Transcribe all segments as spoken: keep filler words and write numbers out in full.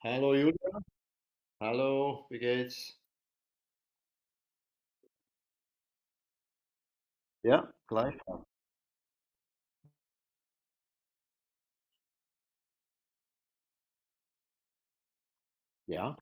Hallo Julia, hallo, wie geht's? Ja, gleich. Ja,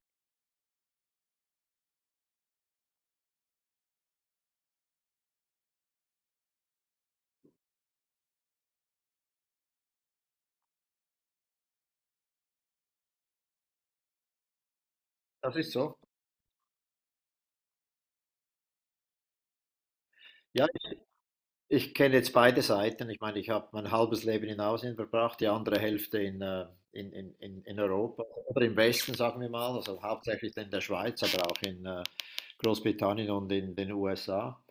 das ist so. Ja, ich, ich kenne jetzt beide Seiten. Ich meine, ich habe mein halbes Leben in Asien verbracht, die andere Hälfte in, äh, in, in, in in Europa oder im Westen, sagen wir mal. Also hauptsächlich in der Schweiz, aber auch in äh, Großbritannien und in den U S A.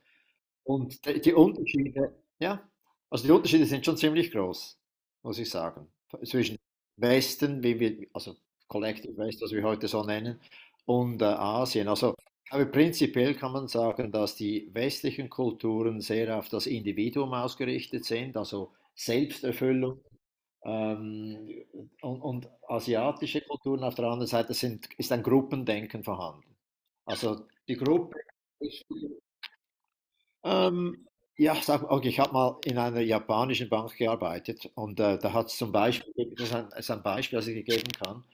Und die die Unterschiede, ja, also die Unterschiede sind schon ziemlich groß, muss ich sagen. Zwischen Westen, wie wir, also Collective West, was wir heute so nennen, und äh, Asien. Also, aber prinzipiell kann man sagen, dass die westlichen Kulturen sehr auf das Individuum ausgerichtet sind, also Selbsterfüllung. Ähm, und, und asiatische Kulturen auf der anderen Seite sind, ist ein Gruppendenken vorhanden. Also die Gruppe, ähm, ja, sag, okay, ich habe mal in einer japanischen Bank gearbeitet und äh, da hat es zum Beispiel, das ist ein, das ist ein Beispiel, das ich dir geben kann,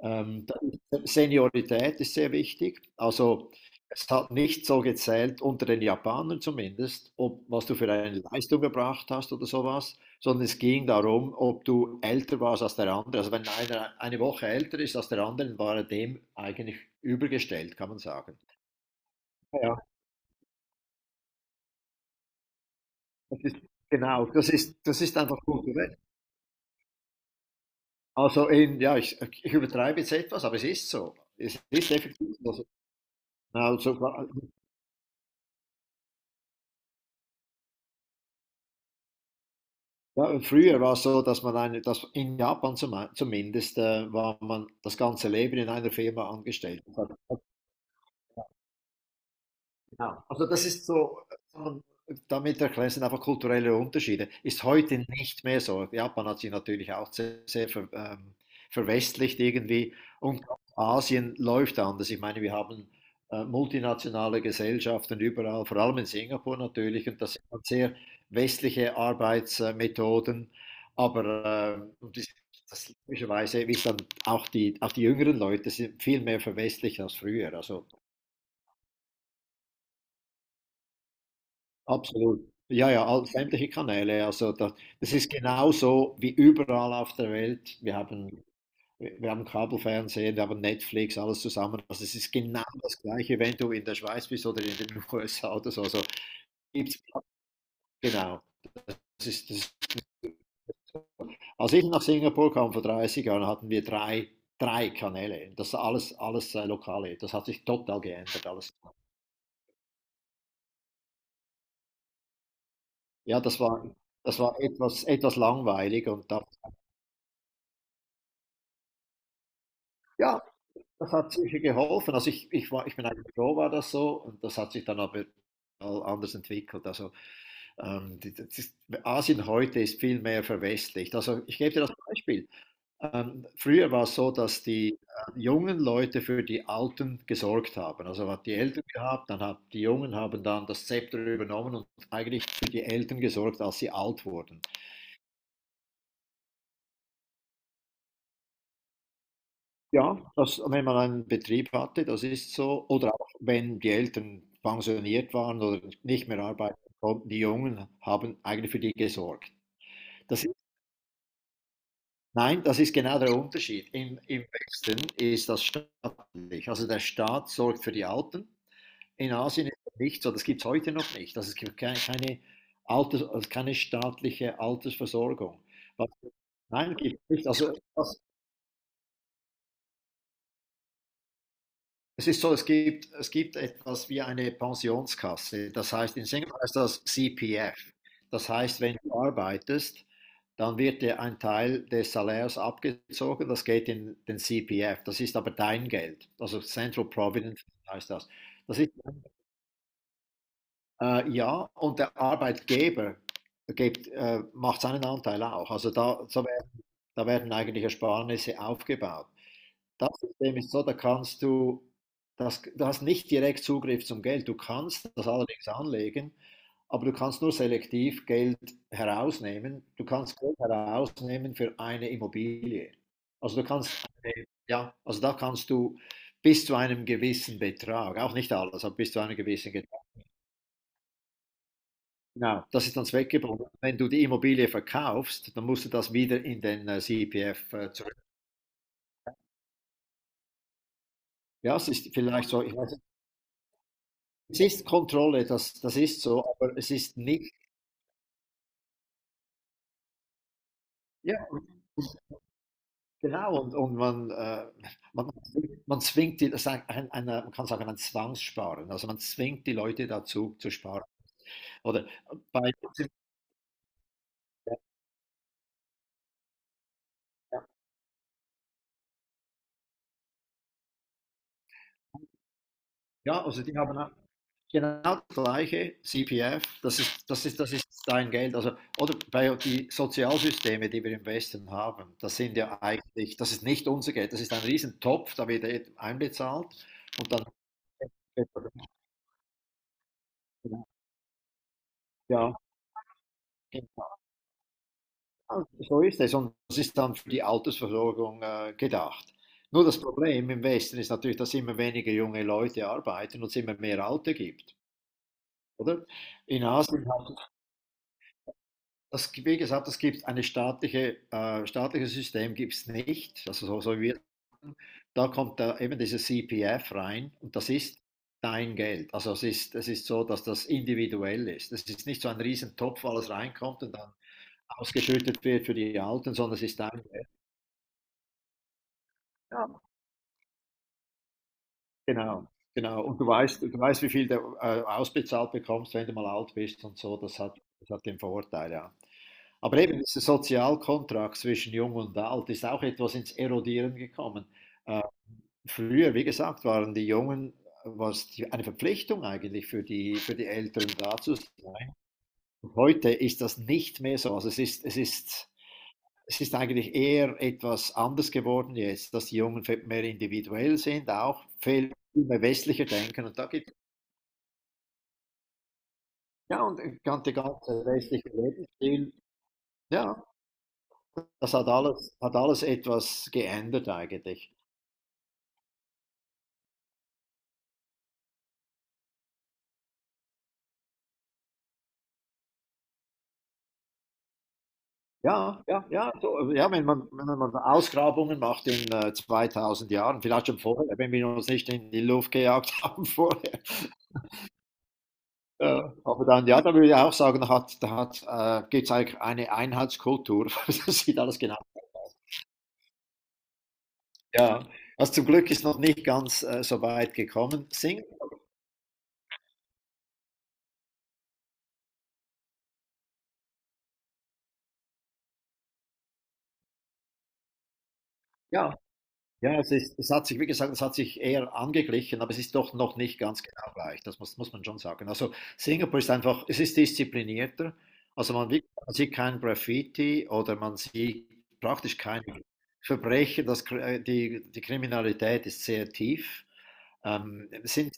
ähm, da ist- Seniorität ist sehr wichtig. Also es hat nicht so gezählt, unter den Japanern zumindest, ob was du für eine Leistung gebracht hast oder sowas, sondern es ging darum, ob du älter warst als der andere. Also wenn einer eine Woche älter ist als der andere, dann war er dem eigentlich übergestellt, kann man sagen. Ja, das ist, genau, das ist, das ist einfach gut. Also in, ja, ich, ich übertreibe jetzt etwas, aber es ist so. Es ist effektiv so. Also, ja, früher war es so, dass man eine, dass in Japan zum, zumindest äh, war man das ganze Leben in einer Firma angestellt. Das hat. Genau. Also das ist so, ähm, damit erklären sind einfach kulturelle Unterschiede. Ist heute nicht mehr so. Japan hat sich natürlich auch sehr, sehr ver, ähm, verwestlicht irgendwie, und Asien läuft anders. Ich meine, wir haben äh, multinationale Gesellschaften überall, vor allem in Singapur natürlich, und das sind dann sehr westliche Arbeitsmethoden, aber äh, und das, das logischerweise, wie es dann auch die, auch die jüngeren Leute sind viel mehr verwestlicht als früher. Also absolut. Ja, ja, all, sämtliche Kanäle. Also das, das ist genauso wie überall auf der Welt. Wir haben, wir haben Kabelfernsehen, wir haben Netflix, alles zusammen. Also es ist genau das Gleiche, wenn du in der Schweiz bist oder in den U S A oder so. Also gibt's genau. Das ist, das, als ich nach Singapur kam vor dreißig Jahren, hatten wir drei, drei Kanäle. Das war alles, alles äh, lokale. Das hat sich total geändert, alles. Ja, das war, das war etwas, etwas langweilig und da, ja, das hat sicher geholfen. Also ich, ich war, ich bin eigentlich froh, war das so. Und das hat sich dann aber all anders entwickelt. Also ähm, die- das ist, Asien heute ist viel mehr verwestlicht. Also ich gebe dir das Beispiel. Ähm, früher war es so, dass die äh, jungen Leute für die Alten gesorgt haben. Also hat die Eltern gehabt, dann hat die Jungen haben dann das Zepter übernommen und eigentlich für die Eltern gesorgt, als sie alt wurden. Ja, das, wenn man einen Betrieb hatte, das ist so. Oder auch wenn die Eltern pensioniert waren oder nicht mehr arbeiten konnten, die Jungen haben eigentlich für die gesorgt. Das ist, nein, das ist genau der Unterschied. Im, Im Westen ist das staatlich. Also der Staat sorgt für die Alten. In Asien ist das nicht so. Das gibt es heute noch nicht. Also es gibt keine, keine Alters-, also keine staatliche Altersversorgung. Was, nein, gibt es nicht. Also das, es ist so, es gibt, es gibt etwas wie eine Pensionskasse. Das heißt, in Singapur heißt das C P F. Das heißt, wenn du arbeitest, dann wird dir ein Teil des Salärs abgezogen. Das geht in den C P F. Das ist aber dein Geld. Also Central Provident heißt das. Das ist, äh, ja, und der Arbeitgeber gibt, äh, macht seinen Anteil auch. Also da, so werden, da werden eigentlich Ersparnisse aufgebaut. Das System ist so, da kannst du, das, du hast nicht direkt Zugriff zum Geld. Du kannst das allerdings anlegen, aber du kannst nur selektiv Geld herausnehmen. Du kannst Geld herausnehmen für eine Immobilie. Also du kannst, ja, also da kannst du bis zu einem gewissen Betrag, auch nicht alles, aber bis zu einem gewissen Betrag. Genau, das ist dann zweckgebunden. Wenn du die Immobilie verkaufst, dann musst du das wieder in den äh, C P F äh, zurück. Ja, es ist vielleicht so, ich weiß. Es ist Kontrolle, das das ist so, aber es ist nicht. Ja, genau, und und man, äh, man man zwingt die, das ist ein ein einer man kann sagen, ein Zwangssparen. Also, man zwingt die Leute dazu zu sparen. Oder bei, ja, also, die haben auch genau das gleiche C P F, das ist das ist das ist dein Geld. Also oder bei die Sozialsysteme, die wir im Westen haben, das sind ja eigentlich, das ist nicht unser Geld, das ist ein Riesentopf, da wird einbezahlt und dann, ja. Genau, ah, so ist es, und es ist dann für die Altersversorgung äh, gedacht. Nur das Problem im Westen ist natürlich, dass immer weniger junge Leute arbeiten und es immer mehr Alte gibt, oder? In Asien hat das, wie gesagt, es gibt eine staatliche, äh, staatliches System gibt es nicht, also so, so wie wir sagen. Da kommt da eben dieses C P F rein und das ist dein Geld. Also es ist, es ist so, dass das individuell ist. Es ist nicht so ein Riesentopf, wo alles reinkommt und dann ausgeschüttet wird für die Alten, sondern es ist dein. Ja. Genau, genau. Und du weißt, du weißt, wie viel du äh, ausbezahlt bekommst, wenn du mal alt bist und so. Das hat, das hat den Vorteil, ja. Aber eben dieser Sozialkontrakt zwischen Jung und Alt ist auch etwas ins Erodieren gekommen. Äh, früher, wie gesagt, waren die Jungen, war es die, eine Verpflichtung eigentlich für die, für die Älteren da zu sein. Und heute ist das nicht mehr so. Also es ist, es ist es ist eigentlich eher etwas anders geworden jetzt, dass die Jungen mehr individuell sind, auch viel mehr westlicher denken. Und da gibt es, ja, und der ganze westliche Lebensstil, ja, das hat alles, hat alles etwas geändert eigentlich. Ja, ja, ja, so, ja wenn, man, wenn man Ausgrabungen macht in äh, zweitausend Jahren, vielleicht schon vorher, wenn wir uns nicht in die Luft gejagt haben vorher. Äh, aber dann, ja, da würde ich auch sagen, da hat, da hat, äh, gibt es eigentlich eine Einheitskultur. Das sieht alles genau. Ja, was zum Glück ist noch nicht ganz äh, so weit gekommen. Singen, ja, ja, es ist, es hat sich, wie gesagt, es hat sich eher angeglichen, aber es ist doch noch nicht ganz genau gleich. Das muss, muss man schon sagen. Also Singapur ist einfach, es ist disziplinierter. Also man, wie- man sieht kein Graffiti oder man sieht praktisch keine Verbrechen. Das, Kr- äh, die, die Kriminalität ist sehr tief. Ähm, sind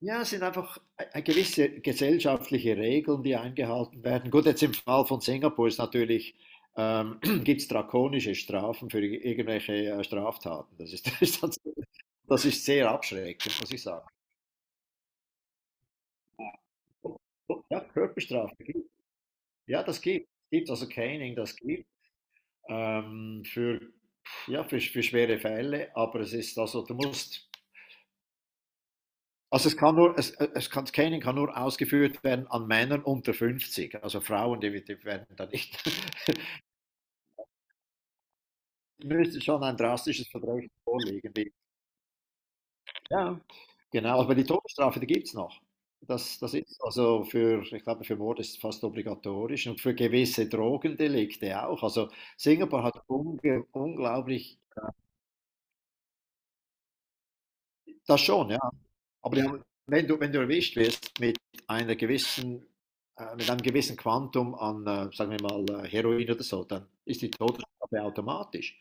Ja, es sind einfach äh, gewisse gesellschaftliche Regeln, die eingehalten werden. Gut, jetzt im Fall von Singapur ist natürlich, ähm, gibt es drakonische Strafen für irgendwelche äh, Straftaten. Das ist, das ist, dann so- das ist sehr abschreckend, muss ich sagen. Ja, Körperstrafe gibt. Ja, das gibt. Gibt also Caning, das gibt. Ähm, für, ja, für, für schwere Fälle, aber es ist also, du musst. Also es kann nur, es, es kann, Caning kann nur ausgeführt werden an Männern unter fünfzig. Also Frauen, die, die werden da nicht. Müsste schon ein drastisches Verbrechen vorliegen. Ja, genau. Aber die Todesstrafe, die gibt es noch. Das, das ist also für, ich glaube, für Mord ist es fast obligatorisch und für gewisse Drogendelikte auch. Also Singapur hat unge- unglaublich, das schon, ja. Aber die haben, wenn du, wenn du erwischt wirst mit einer gewissen, äh, mit einem gewissen Quantum an, äh, sagen wir mal, äh, Heroin oder so, dann ist die Todesstrafe automatisch.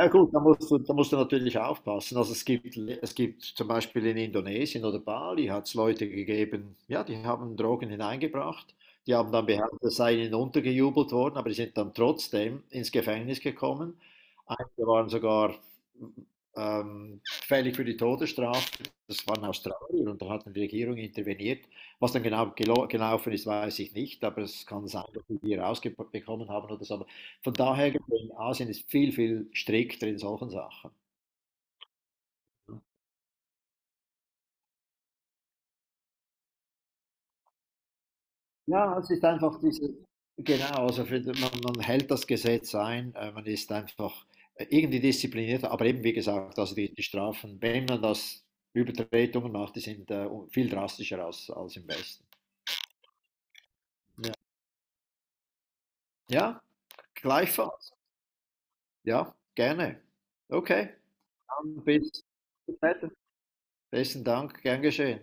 Ja gut, da musst du, da musst du natürlich aufpassen. Also es gibt, es gibt zum Beispiel in Indonesien oder Bali hat es Leute gegeben, ja, die haben Drogen hineingebracht, die haben dann behauptet, es sei ihnen untergejubelt worden, aber die sind dann trotzdem ins Gefängnis gekommen. Einige waren sogar ähm, fällig für die Todesstrafe. Das waren Australier und da hat die Regierung interveniert. Was dann genau gelo- gelaufen ist, weiß ich nicht, aber es kann sein, dass sie die rausbekommen haben oder so. Von daher gesehen, Asien ist viel, viel strikter in solchen Sachen. Ja, es ist einfach diese, genau, also für, man, man hält das Gesetz ein, äh, man ist einfach äh, irgendwie disziplinierter, aber eben wie gesagt, also die, die Strafen, wenn man das Übertretungen macht, die sind äh, viel drastischer als, als im Westen. Ja, ja, gleichfalls. Ja, gerne. Okay, dann bis später. Besten Dank, gern geschehen.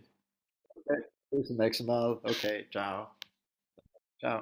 Okay. Bis zum nächsten Mal. Okay, ciao. Ciao.